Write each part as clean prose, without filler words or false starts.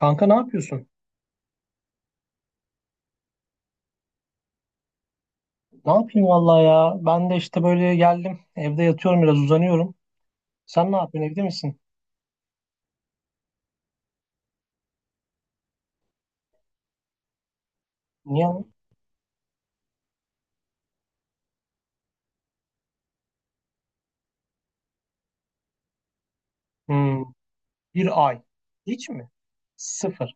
Kanka, ne yapıyorsun? Ne yapayım vallahi ya. Ben de işte böyle geldim. Evde yatıyorum, biraz uzanıyorum. Sen ne yapıyorsun? Evde misin? Niye lan? Hmm. Bir ay. Hiç mi? Sıfır.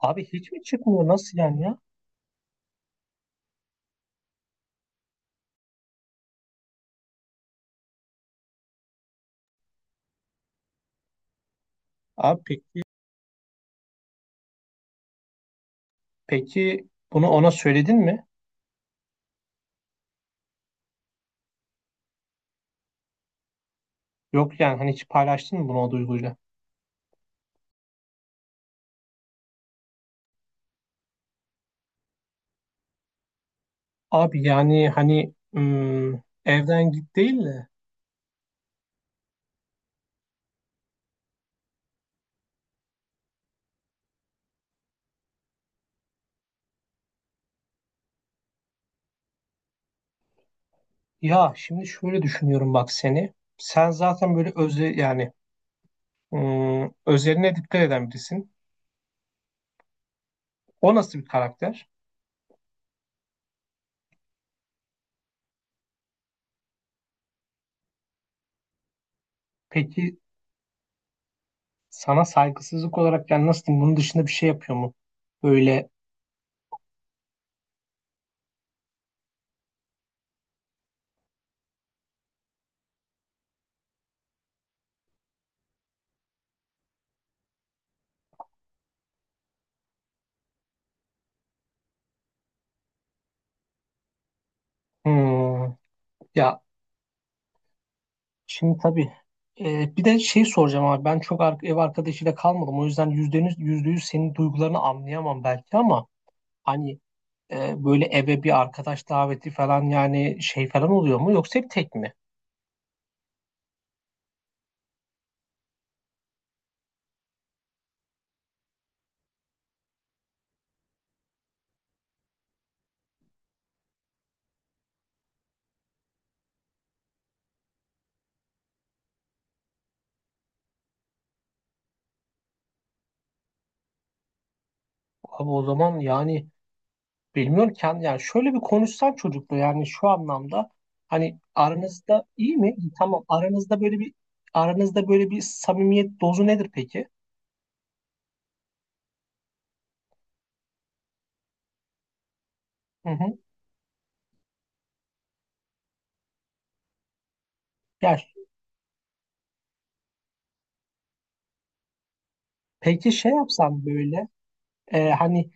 Abi hiç mi çıkmıyor? Nasıl yani ya? Abi peki bunu ona söyledin mi? Yok, yani hani hiç paylaştın mı bunu o duyguyla? Abi, yani hani evden git değil de, ya şimdi şöyle düşünüyorum bak seni. Sen zaten böyle özel, yani özeline dikkat eden birisin. O nasıl bir karakter? Peki, sana saygısızlık olarak yani nasıl diyeyim bunun dışında bir şey yapıyor mu? Böyle hmm, ya şimdi tabii, bir de şey soracağım abi, ben çok ev arkadaşıyla kalmadım, o yüzden yüzde yüz, yüzde yüz senin duygularını anlayamam belki ama hani, böyle eve bir arkadaş daveti falan, yani şey falan oluyor mu, yoksa hep tek mi? Abi o zaman yani bilmiyorken, yani şöyle bir konuşsan çocukla, yani şu anlamda, hani aranızda iyi mi? Tamam, aranızda böyle bir samimiyet dozu nedir peki? Hı hı. Ya peki şey yapsan böyle, hani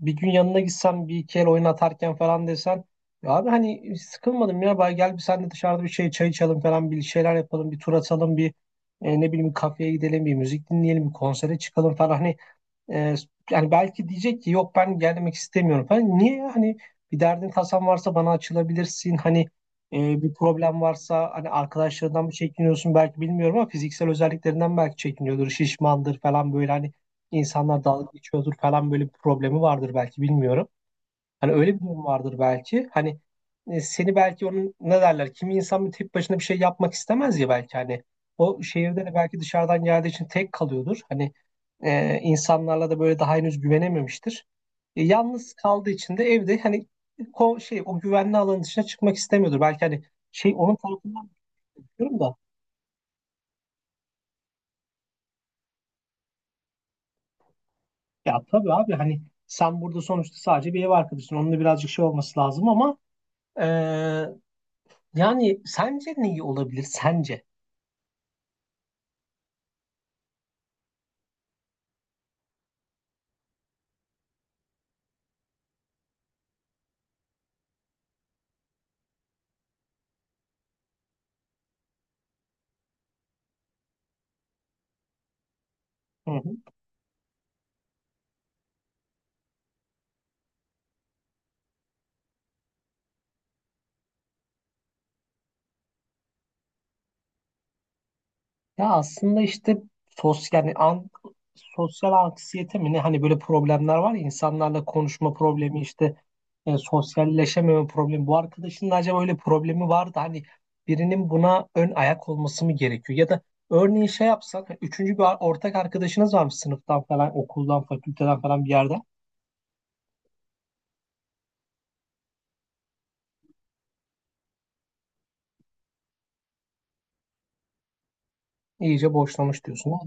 bir gün yanına gitsem bir iki el oyun atarken falan, desen ya abi hani sıkılmadım ya, bay gel, bir sen de dışarıda bir şey çay içelim falan, bir şeyler yapalım, bir tur atalım, bir ne bileyim bir kafeye gidelim, bir müzik dinleyelim, bir konsere çıkalım falan, hani Ee, yani belki diyecek ki yok ben gelmek istemiyorum falan. Niye ya? Hani bir derdin tasan varsa bana açılabilirsin. Hani bir problem varsa, hani arkadaşlarından mı çekiniyorsun belki, bilmiyorum, ama fiziksel özelliklerinden belki çekiniyordur. Şişmandır falan böyle, hani insanlar dalga geçiyordur falan, böyle bir problemi vardır belki, bilmiyorum. Hani öyle bir durum vardır belki. Hani seni belki onun, ne derler, kimi insan bir tek başına bir şey yapmak istemez ya, belki hani o şehirde de belki dışarıdan geldiği için tek kalıyordur. Hani insanlarla da böyle daha henüz güvenememiştir. Yalnız kaldığı için de evde, hani şey o güvenli alanın dışına çıkmak istemiyordur. Belki hani şey onun tarafından bakıyorum da, ya tabii abi, hani sen burada sonuçta sadece bir ev arkadaşın. Onunla birazcık şey olması lazım ama, e, yani sence ne iyi olabilir? Sence? Hı hı. Ya aslında işte, sosyal yani sosyal anksiyete mi ne, hani böyle problemler var ya, insanlarla konuşma problemi, işte sosyalleşememe problemi. Bu arkadaşın da acaba öyle problemi var da, hani birinin buna ön ayak olması mı gerekiyor? Ya da örneğin şey yapsak, hani üçüncü bir ortak arkadaşınız varmış sınıftan falan, okuldan, fakülteden falan bir yerden, iyice boşlamış diyorsun, ama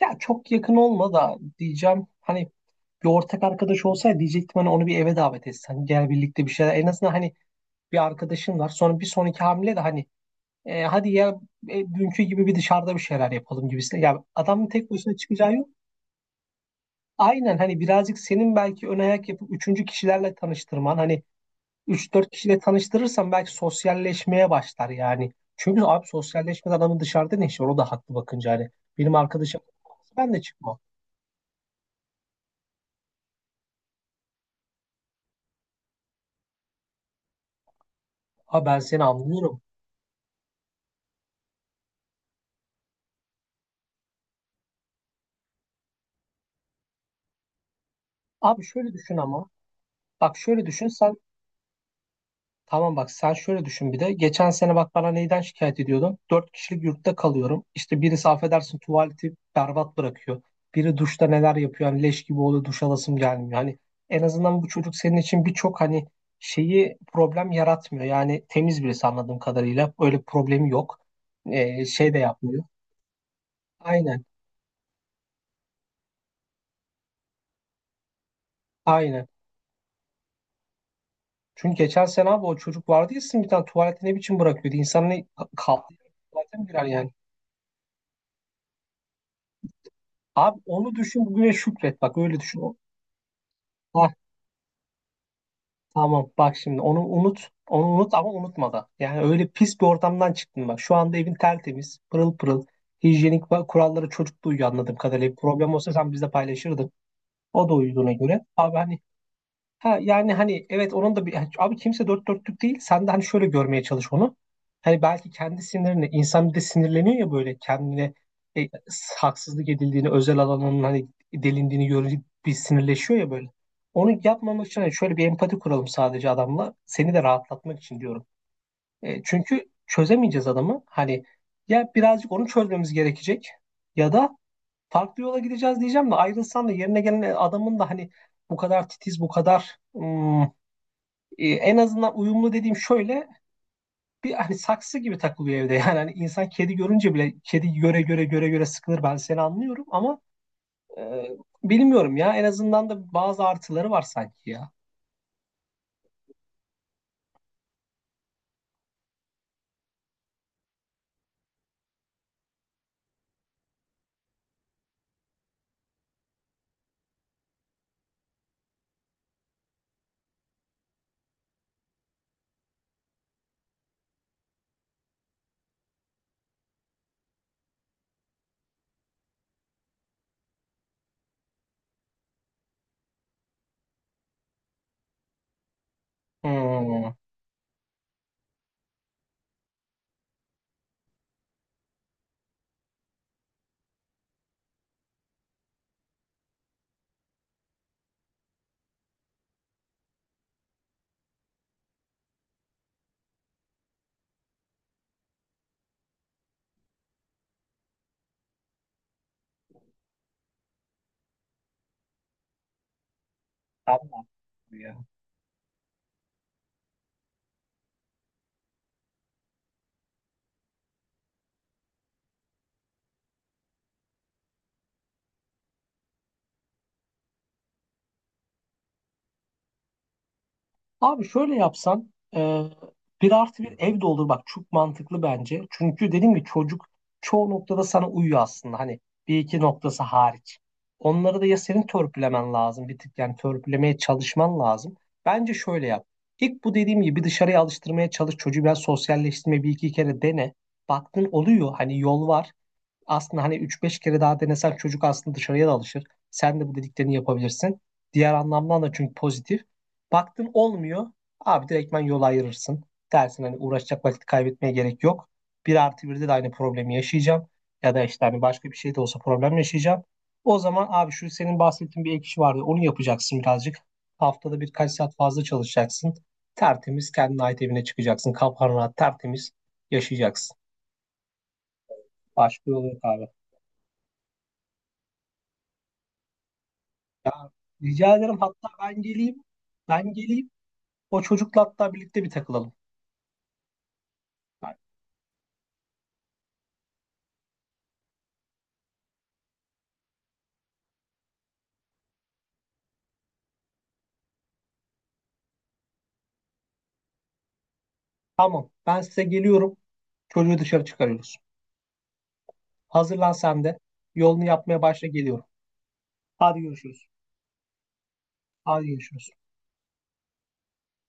ya çok yakın olma da diyeceğim, hani bir ortak arkadaş olsaydı diyecektim, hani onu bir eve davet etsen, gel birlikte bir şeyler en azından, hani bir arkadaşın var. Sonra bir sonraki hamle de hani hadi ya, dünkü gibi bir dışarıda bir şeyler yapalım gibisine. Ya adamın tek başına çıkacağı yok. Aynen, hani birazcık senin belki ön ayak yapıp üçüncü kişilerle tanıştırman. Hani üç dört kişiyle tanıştırırsan belki sosyalleşmeye başlar yani. Çünkü abi sosyalleşmeden adamın dışarıda ne işi var? O da haklı bakınca hani. Benim arkadaşım ben de çıkmam. Abi ben seni anlıyorum. Abi şöyle düşün ama. Bak şöyle düşün sen. Tamam, bak sen şöyle düşün bir de. Geçen sene bak bana neyden şikayet ediyordun? Dört kişilik yurtta kalıyorum. İşte birisi affedersin tuvaleti berbat bırakıyor. Biri duşta neler yapıyor. Hani leş gibi oluyor, duş alasım gelmiyor. Hani en azından bu çocuk senin için birçok hani şeyi problem yaratmıyor. Yani temiz birisi anladığım kadarıyla. Öyle problemi yok. Şey de yapmıyor. Aynen. Aynen. Çünkü geçen sene abi, o çocuk vardı ya, sizin bir tane tuvaleti ne biçim bırakıyordu? İnsanın kaldı tuvalete mi girer yani? Abi onu düşün, bugüne şükret. Bak öyle düşün. Hah, tamam, bak şimdi onu unut. Onu unut ama unutma da. Yani öyle pis bir ortamdan çıktın bak. Şu anda evin tertemiz, pırıl pırıl. Hijyenik kurallara çocuk da uyuyor anladığım kadarıyla. Bir problem olsa sen bizle paylaşırdın. O da uyuduğuna göre. Abi hani, ha yani hani evet, onun da bir yani abi kimse dört dörtlük değil. Sen de hani şöyle görmeye çalış onu. Hani belki kendi sinirine insan bir de sinirleniyor ya, böyle kendine e, haksızlık edildiğini, özel alanının hani delindiğini görünce bir sinirleşiyor ya böyle. Onu yapmamak için, hani şöyle bir empati kuralım sadece adamla. Seni de rahatlatmak için diyorum. Çünkü çözemeyeceğiz adamı. Hani ya birazcık onu çözmemiz gerekecek, ya da farklı yola gideceğiz diyeceğim de, ayrılsan da yerine gelen adamın da hani bu kadar titiz, bu kadar en azından uyumlu dediğim şöyle bir, hani saksı gibi takılıyor evde. Yani hani, insan kedi görünce bile kedi göre göre göre göre sıkılır, ben seni anlıyorum, ama e, bilmiyorum ya, en azından da bazı artıları var sanki ya. Hmm. Tamam. Ya. Abi şöyle yapsan, bir artı bir ev de olur bak, çok mantıklı bence. Çünkü dediğim gibi çocuk çoğu noktada sana uyuyor aslında, hani bir iki noktası hariç. Onları da ya senin törpülemen lazım bir tık, yani törpülemeye çalışman lazım. Bence şöyle yap. İlk bu dediğim gibi, dışarıya alıştırmaya çalış çocuğu, biraz sosyalleştirme, bir iki kere dene. Baktın oluyor, hani yol var aslında, hani üç beş kere daha denesen, çocuk aslında dışarıya da alışır. Sen de bu dediklerini yapabilirsin. Diğer anlamdan da çünkü pozitif. Baktın olmuyor. Abi direktmen yol ayırırsın. Dersin hani uğraşacak vakit kaybetmeye gerek yok. Bir artı birde de aynı problemi yaşayacağım. Ya da işte hani başka bir şey de olsa problem yaşayacağım. O zaman abi, şu senin bahsettiğin bir ek iş vardı. Onu yapacaksın birazcık. Haftada birkaç saat fazla çalışacaksın. Tertemiz kendine ait evine çıkacaksın. Kafan rahat, tertemiz yaşayacaksın. Başka yolu yok abi. Rica ederim, hatta ben geleyim. Ben geleyim. O çocukla hatta birlikte bir takılalım. Ben- Tamam. Ben size geliyorum. Çocuğu dışarı çıkarıyoruz. Hazırlan sen de. Yolunu yapmaya başla, geliyorum. Hadi görüşürüz. Hadi görüşürüz.